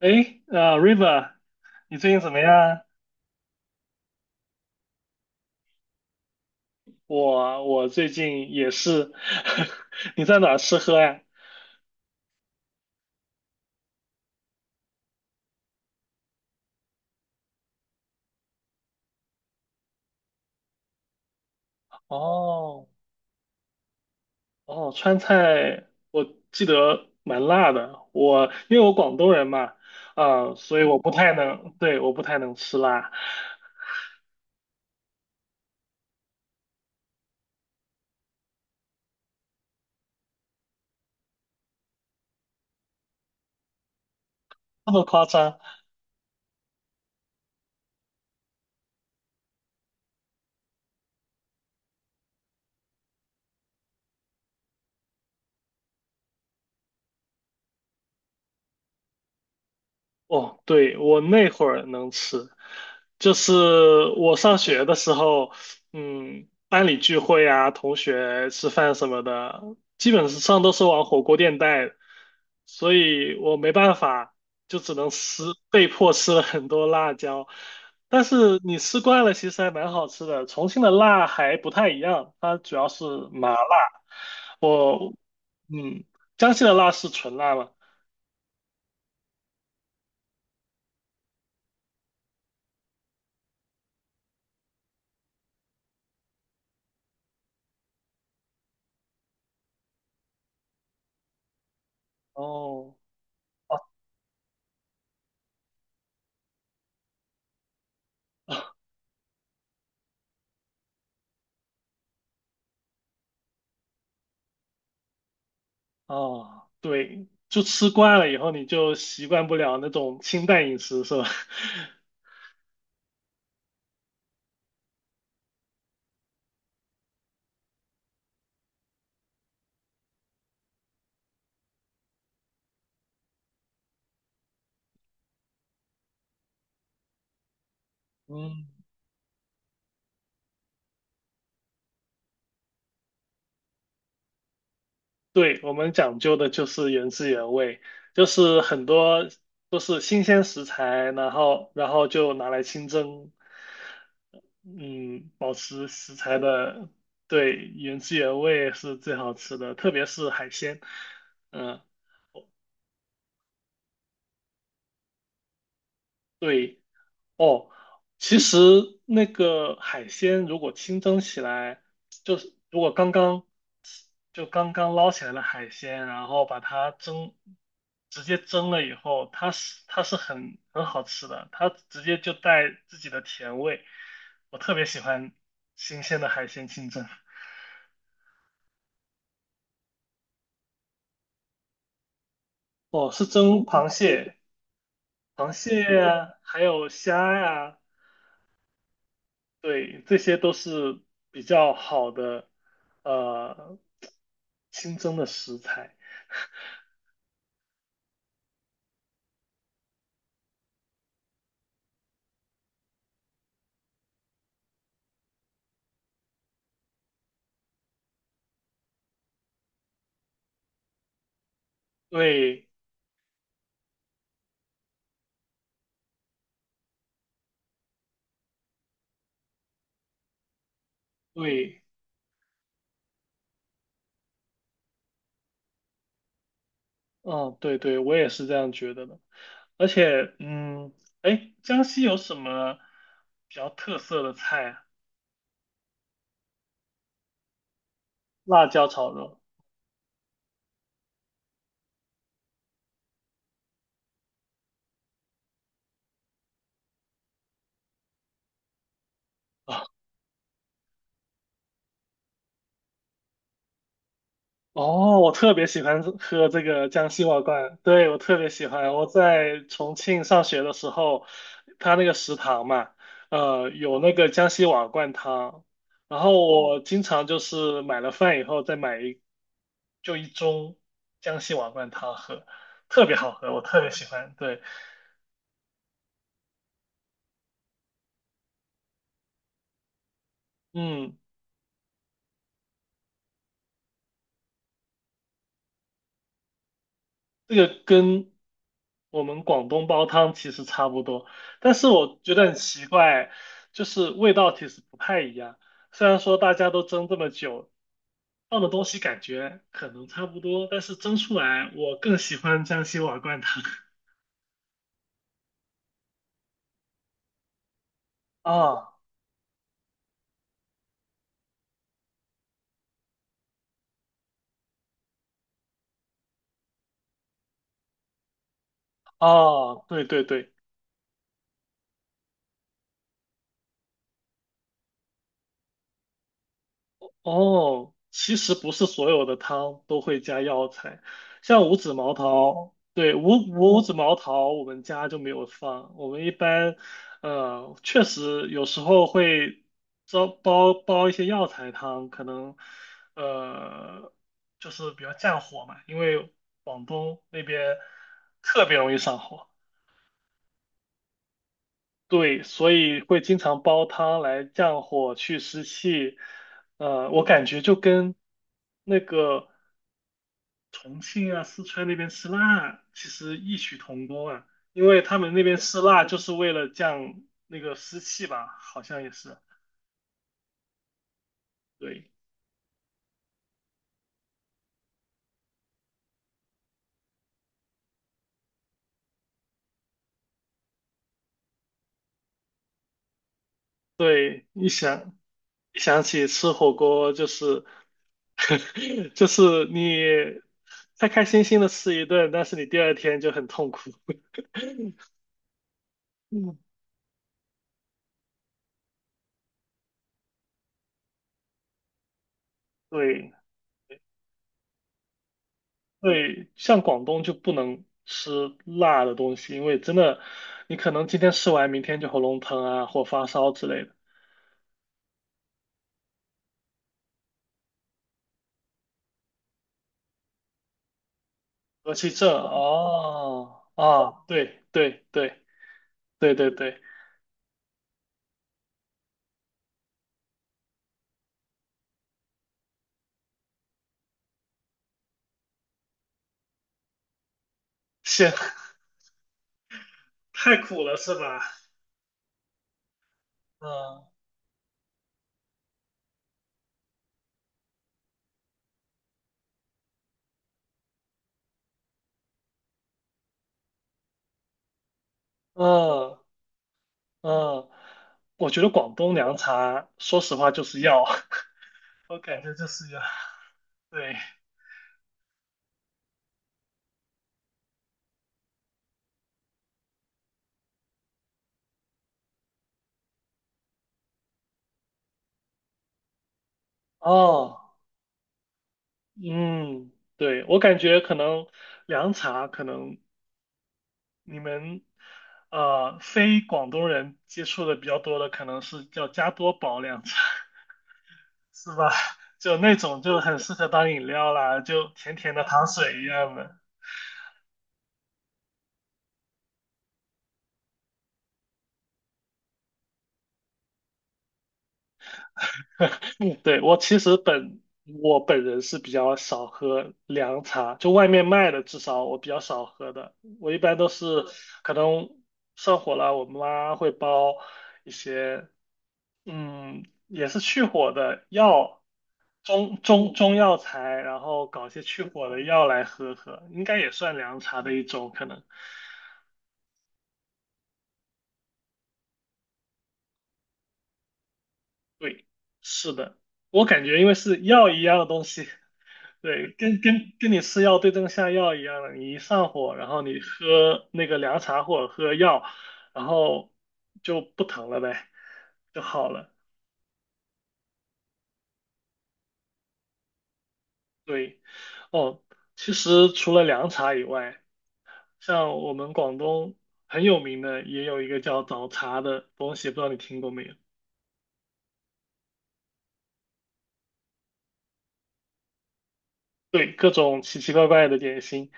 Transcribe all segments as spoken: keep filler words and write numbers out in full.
诶，呃，River，你最近怎么样啊？我我最近也是，你在哪儿吃喝呀？哦哦，川菜我记得蛮辣的，我因为我广东人嘛，啊、所以我不太能，对，我不太能吃辣，那么夸张。哦，对，我那会儿能吃，就是我上学的时候，嗯，班里聚会啊，同学吃饭什么的，基本上都是往火锅店带，所以我没办法，就只能吃，被迫吃了很多辣椒。但是你吃惯了，其实还蛮好吃的。重庆的辣还不太一样，它主要是麻辣。我，嗯，江西的辣是纯辣嘛？哦。哦，对，就吃惯了以后，你就习惯不了那种清淡饮食，是吧？嗯，对，我们讲究的就是原汁原味，就是很多都是新鲜食材，然后然后就拿来清蒸，嗯，保持食材的，对，原汁原味是最好吃的，特别是海鲜，嗯，对。哦，其实那个海鲜如果清蒸起来，就是如果刚刚就刚刚捞起来的海鲜，然后把它蒸，直接蒸了以后，它是它是很很好吃的，它直接就带自己的甜味。我特别喜欢新鲜的海鲜清蒸。哦，是蒸螃蟹、螃蟹呀、还有虾呀、对，这些都是比较好的，呃，新增的食材。对，对，嗯，对对，我也是这样觉得的。而且，嗯，哎，江西有什么比较特色的菜啊？辣椒炒肉。哦，我特别喜欢喝这个江西瓦罐，对，我特别喜欢。我在重庆上学的时候，他那个食堂嘛，呃，有那个江西瓦罐汤，然后我经常就是买了饭以后再买一就一盅江西瓦罐汤喝，特别好喝，我特别喜欢。对，嗯。这个跟我们广东煲汤其实差不多，但是我觉得很奇怪，就是味道其实不太一样。虽然说大家都蒸这么久，放的东西感觉可能差不多，但是蒸出来我更喜欢江西瓦罐汤。啊哦，对对对。哦，其实不是所有的汤都会加药材，像五指毛桃，对，五五五指毛桃我们家就没有放，我们一般，呃，确实有时候会煲煲煲一些药材汤，可能，呃，就是比较降火嘛，因为广东那边特别容易上火。对，所以会经常煲汤来降火去湿气。呃，我感觉就跟那个重庆啊、四川那边吃辣其实异曲同工啊，因为他们那边吃辣就是为了降那个湿气吧，好像也是。对对，一想一想起吃火锅，就是 就是你开开心心的吃一顿，但是你第二天就很痛苦。嗯，对。对，像广东就不能吃辣的东西，因为真的，你可能今天吃完，明天就喉咙疼啊，或发烧之类的。而气症，哦，啊，对对对对对对，咸 太苦了是吧？嗯嗯嗯，我觉得广东凉茶，说实话就是药，我感觉就是药。对，哦，嗯，对，我感觉可能凉茶可能你们呃非广东人接触的比较多的，可能是叫加多宝凉茶，是吧？就那种就很适合当饮料啦，就甜甜的糖水一样的。嗯对，我其实本我本人是比较少喝凉茶，就外面卖的至少我比较少喝的，我一般都是可能上火了，我妈会煲一些嗯，也是去火的药，中中中药材，然后搞些去火的药来喝喝，应该也算凉茶的一种可能。对，是的，我感觉因为是药一样的东西，对，跟跟跟你吃药对症下药一样的，你一上火，然后你喝那个凉茶或者喝药，然后就不疼了呗，就好了。对，哦，其实除了凉茶以外。像我们广东很有名的，也有一个叫早茶的东西，不知道你听过没有？对，各种奇奇怪怪的点心，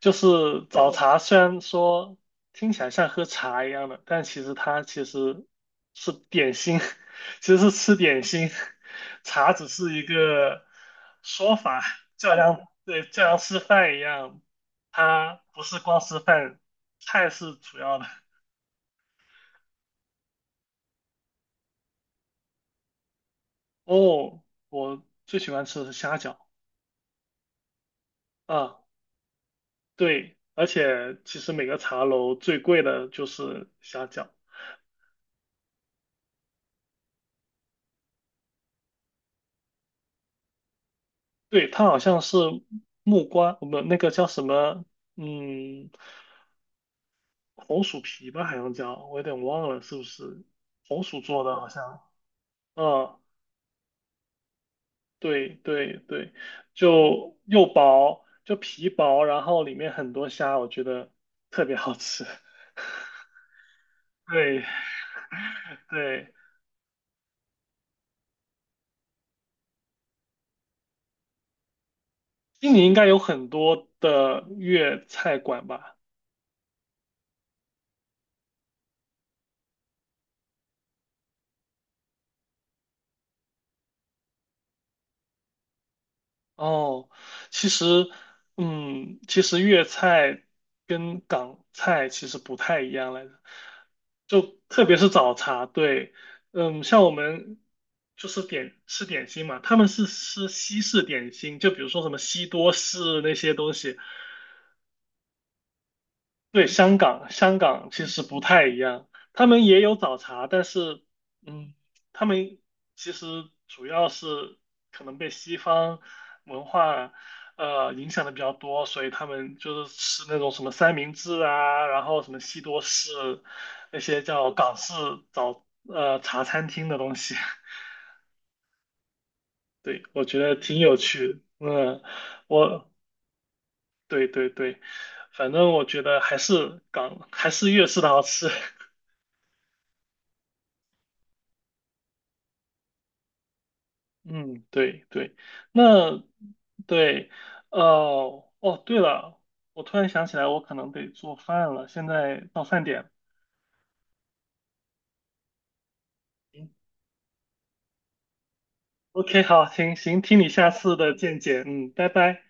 就是早茶。虽然说听起来像喝茶一样的，但其实它其实是点心，其实是吃点心，茶只是一个说法，就好像对，就好像吃饭一样，它不是光吃饭，菜是主要的。哦，我最喜欢吃的是虾饺啊。对，而且其实每个茶楼最贵的就是虾饺，对，它好像是木瓜，我们那个叫什么，嗯，红薯皮吧，好像叫，我有点忘了是不是红薯做的，好像，嗯，对对对，就又薄，就皮薄，然后里面很多虾，我觉得特别好吃。对对，悉尼应该有很多的粤菜馆吧？哦，其实，嗯，其实粤菜跟港菜其实不太一样来着，就特别是早茶，对，嗯，像我们就是点吃点心嘛，他们是吃西式点心，就比如说什么西多士那些东西，对，香港，香港其实不太一样，他们也有早茶，但是，嗯，他们其实主要是可能被西方文化呃影响的比较多，所以他们就是吃那种什么三明治啊，然后什么西多士，那些叫港式早呃茶餐厅的东西。对，我觉得挺有趣的。嗯，我对对对，反正我觉得还是港还是粤式的好吃。嗯，对对，那对，呃，哦，对了，我突然想起来，我可能得做饭了，现在到饭点了。嗯，O K，好，行行，听你下次的见解，嗯，拜拜。